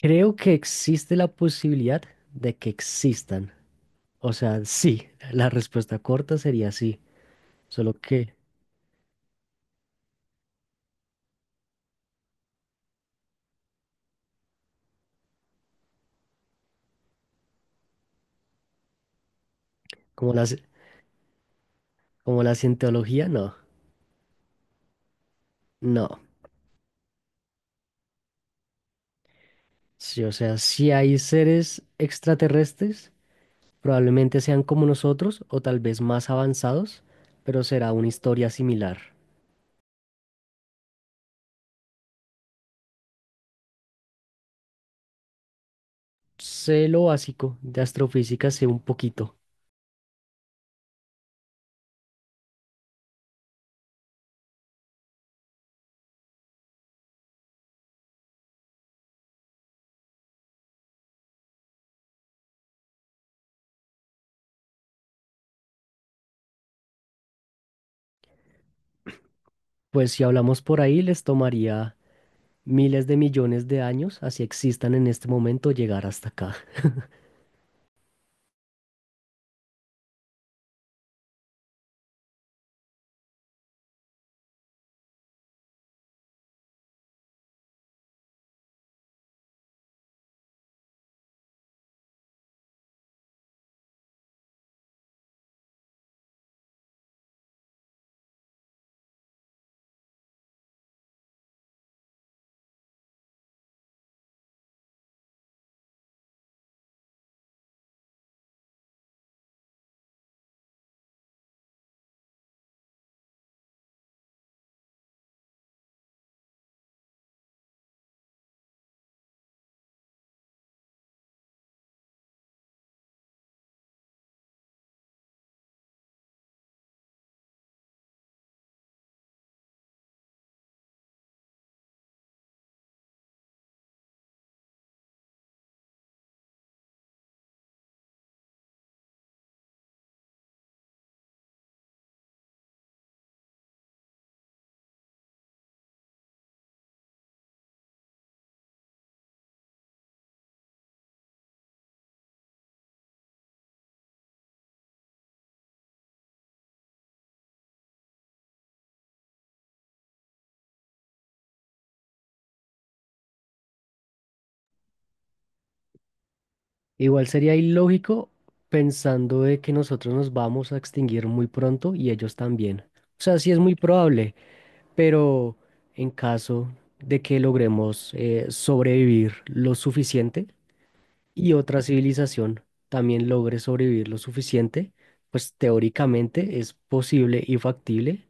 Creo que existe la posibilidad de que existan. O sea, sí, la respuesta corta sería sí. Solo que, como la, ci- como la cientología, no. No. Sí, o sea, si hay seres extraterrestres, probablemente sean como nosotros o tal vez más avanzados, pero será una historia similar. Sé lo básico de astrofísica, sé un poquito. Pues si hablamos por ahí, les tomaría miles de millones de años, así existan en este momento, llegar hasta acá. Igual sería ilógico pensando de que nosotros nos vamos a extinguir muy pronto y ellos también. O sea, sí es muy probable, pero en caso de que logremos sobrevivir lo suficiente y otra civilización también logre sobrevivir lo suficiente, pues teóricamente es posible y factible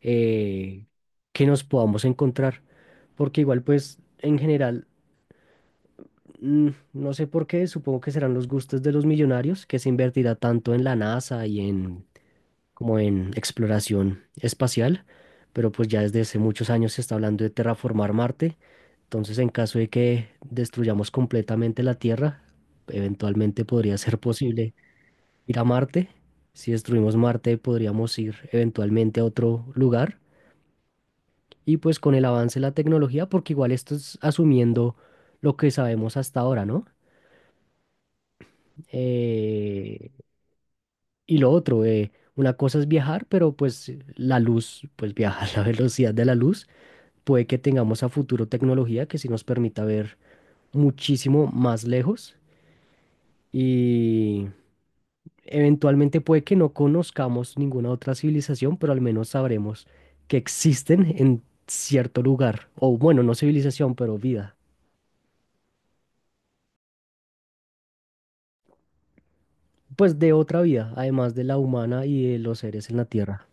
eh, que nos podamos encontrar. Porque igual pues en general mm, no sé por qué, supongo que serán los gustos de los millonarios, que se invertirá tanto en la NASA y en como en exploración espacial, pero pues ya desde hace muchos años se está hablando de terraformar Marte, entonces en caso de que destruyamos completamente la Tierra, eventualmente podría ser posible ir a Marte. Si destruimos Marte, podríamos ir eventualmente a otro lugar. Y pues con el avance de la tecnología, porque igual esto es asumiendo lo que sabemos hasta ahora, ¿no? Eh, y lo otro, una cosa es viajar, pero pues la luz, pues viaja a la velocidad de la luz. Puede que tengamos a futuro tecnología que sí nos permita ver muchísimo más lejos y eventualmente puede que no conozcamos ninguna otra civilización, pero al menos sabremos que existen en cierto lugar, o bueno, no civilización, pero vida, pues de otra vida, además de la humana y de los seres en la Tierra.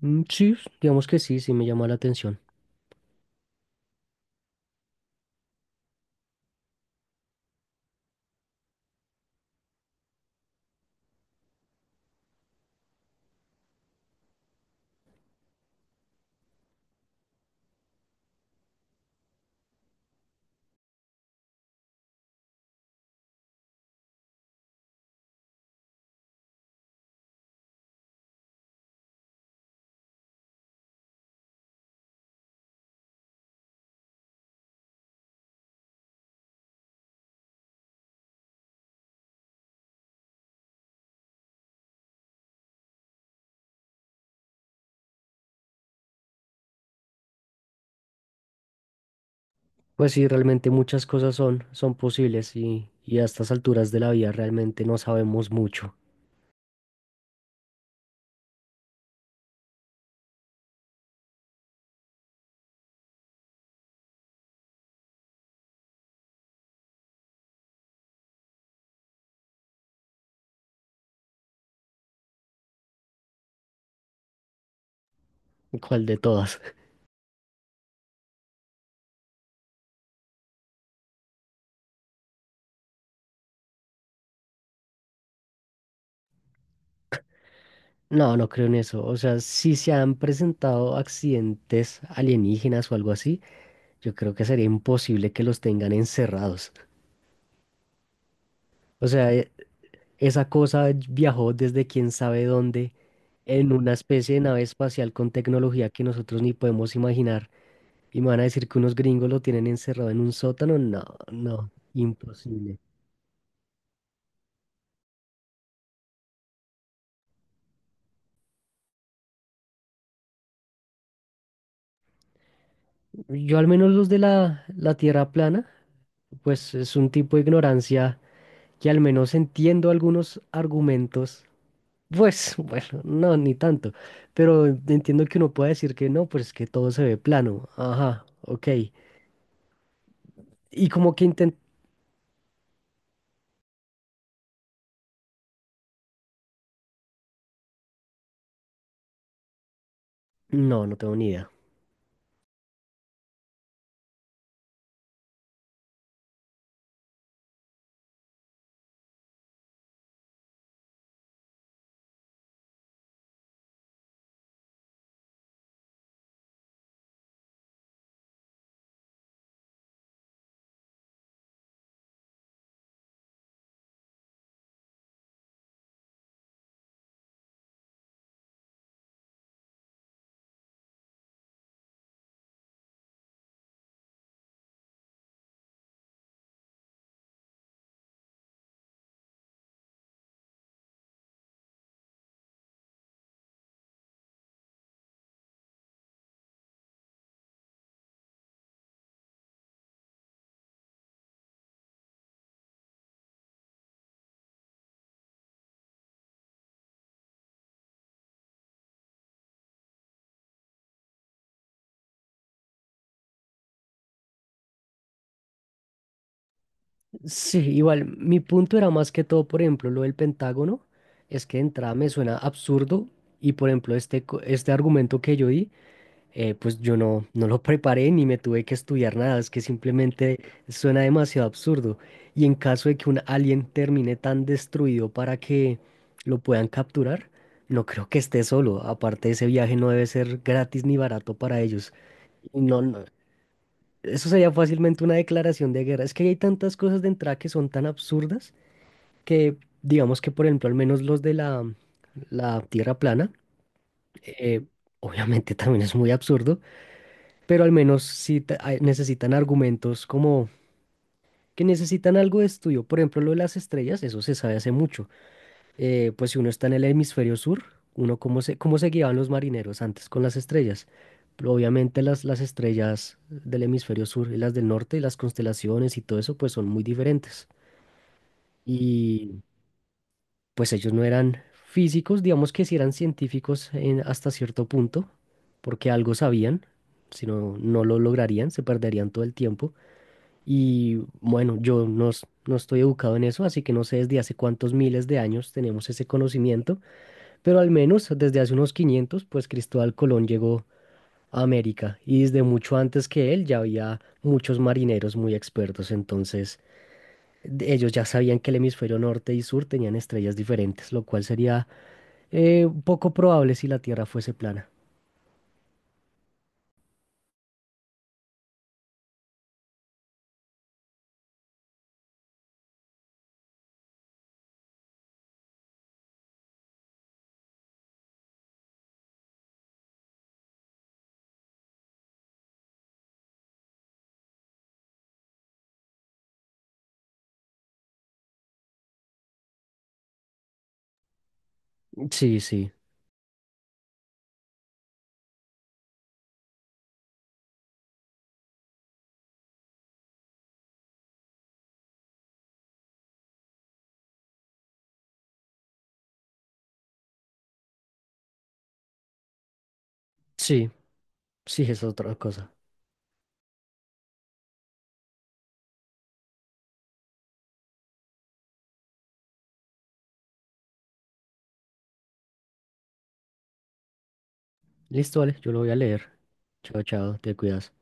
Mm, sí, digamos que sí, sí me llama la atención. Pues sí, realmente muchas cosas son, son posibles y a estas alturas de la vida realmente no sabemos mucho. ¿Cuál de todas? No, no creo en eso. O sea, si se han presentado accidentes alienígenas o algo así, yo creo que sería imposible que los tengan encerrados. O sea, e- Esa cosa viajó desde quién sabe dónde en una especie de nave espacial con tecnología que nosotros ni podemos imaginar. Y me van a decir que unos gringos lo tienen encerrado en un sótano. No, no, imposible. Yo al menos los de la tierra plana, pues es un tipo de ignorancia que al menos entiendo algunos argumentos. Pues bueno, no, ni tanto. Pero entiendo que uno puede decir que no, pues es que todo se ve plano. Ajá, ok. Y como que intent. No, no tengo ni idea. Sí, igual, mi punto era más que todo, por ejemplo, lo del Pentágono, es que de entrada me suena absurdo y, por ejemplo, este argumento que yo di, pues yo no, no lo preparé ni me tuve que estudiar nada, es que simplemente suena demasiado absurdo. Y en caso de que un alien termine tan destruido para que lo puedan capturar, no creo que esté solo. Aparte, ese viaje no debe ser gratis ni barato para ellos. No, no, eso sería fácilmente una declaración de guerra. Es que hay tantas cosas de entrada que son tan absurdas que, digamos que, por ejemplo, al menos los de la Tierra plana, eh, obviamente también es muy absurdo, pero al menos sí necesitan argumentos, como que necesitan algo de estudio. Por ejemplo, lo de las estrellas, eso se sabe hace mucho. Pues si uno está en el hemisferio sur, uno cómo se guiaban los marineros antes con las estrellas. Pero obviamente las estrellas del hemisferio sur y las del norte y las constelaciones y todo eso pues son muy diferentes. Y pues ellos no eran físicos, digamos que sí eran científicos hasta cierto punto, porque algo sabían, si no, no lo lograrían, se perderían todo el tiempo. Y bueno, yo no, no estoy educado en eso, así que no sé desde hace cuántos miles de años tenemos ese conocimiento, pero al menos desde hace unos 500 pues Cristóbal Colón llegó a América y desde mucho antes que él ya había muchos marineros muy expertos, entonces ellos ya sabían que el hemisferio norte y sur tenían estrellas diferentes, lo cual sería poco probable si la Tierra fuese plana. Sí, sí, sí, sí, es otra cosa. Listo, vale, yo lo voy a leer. Chao, chao, te cuidas.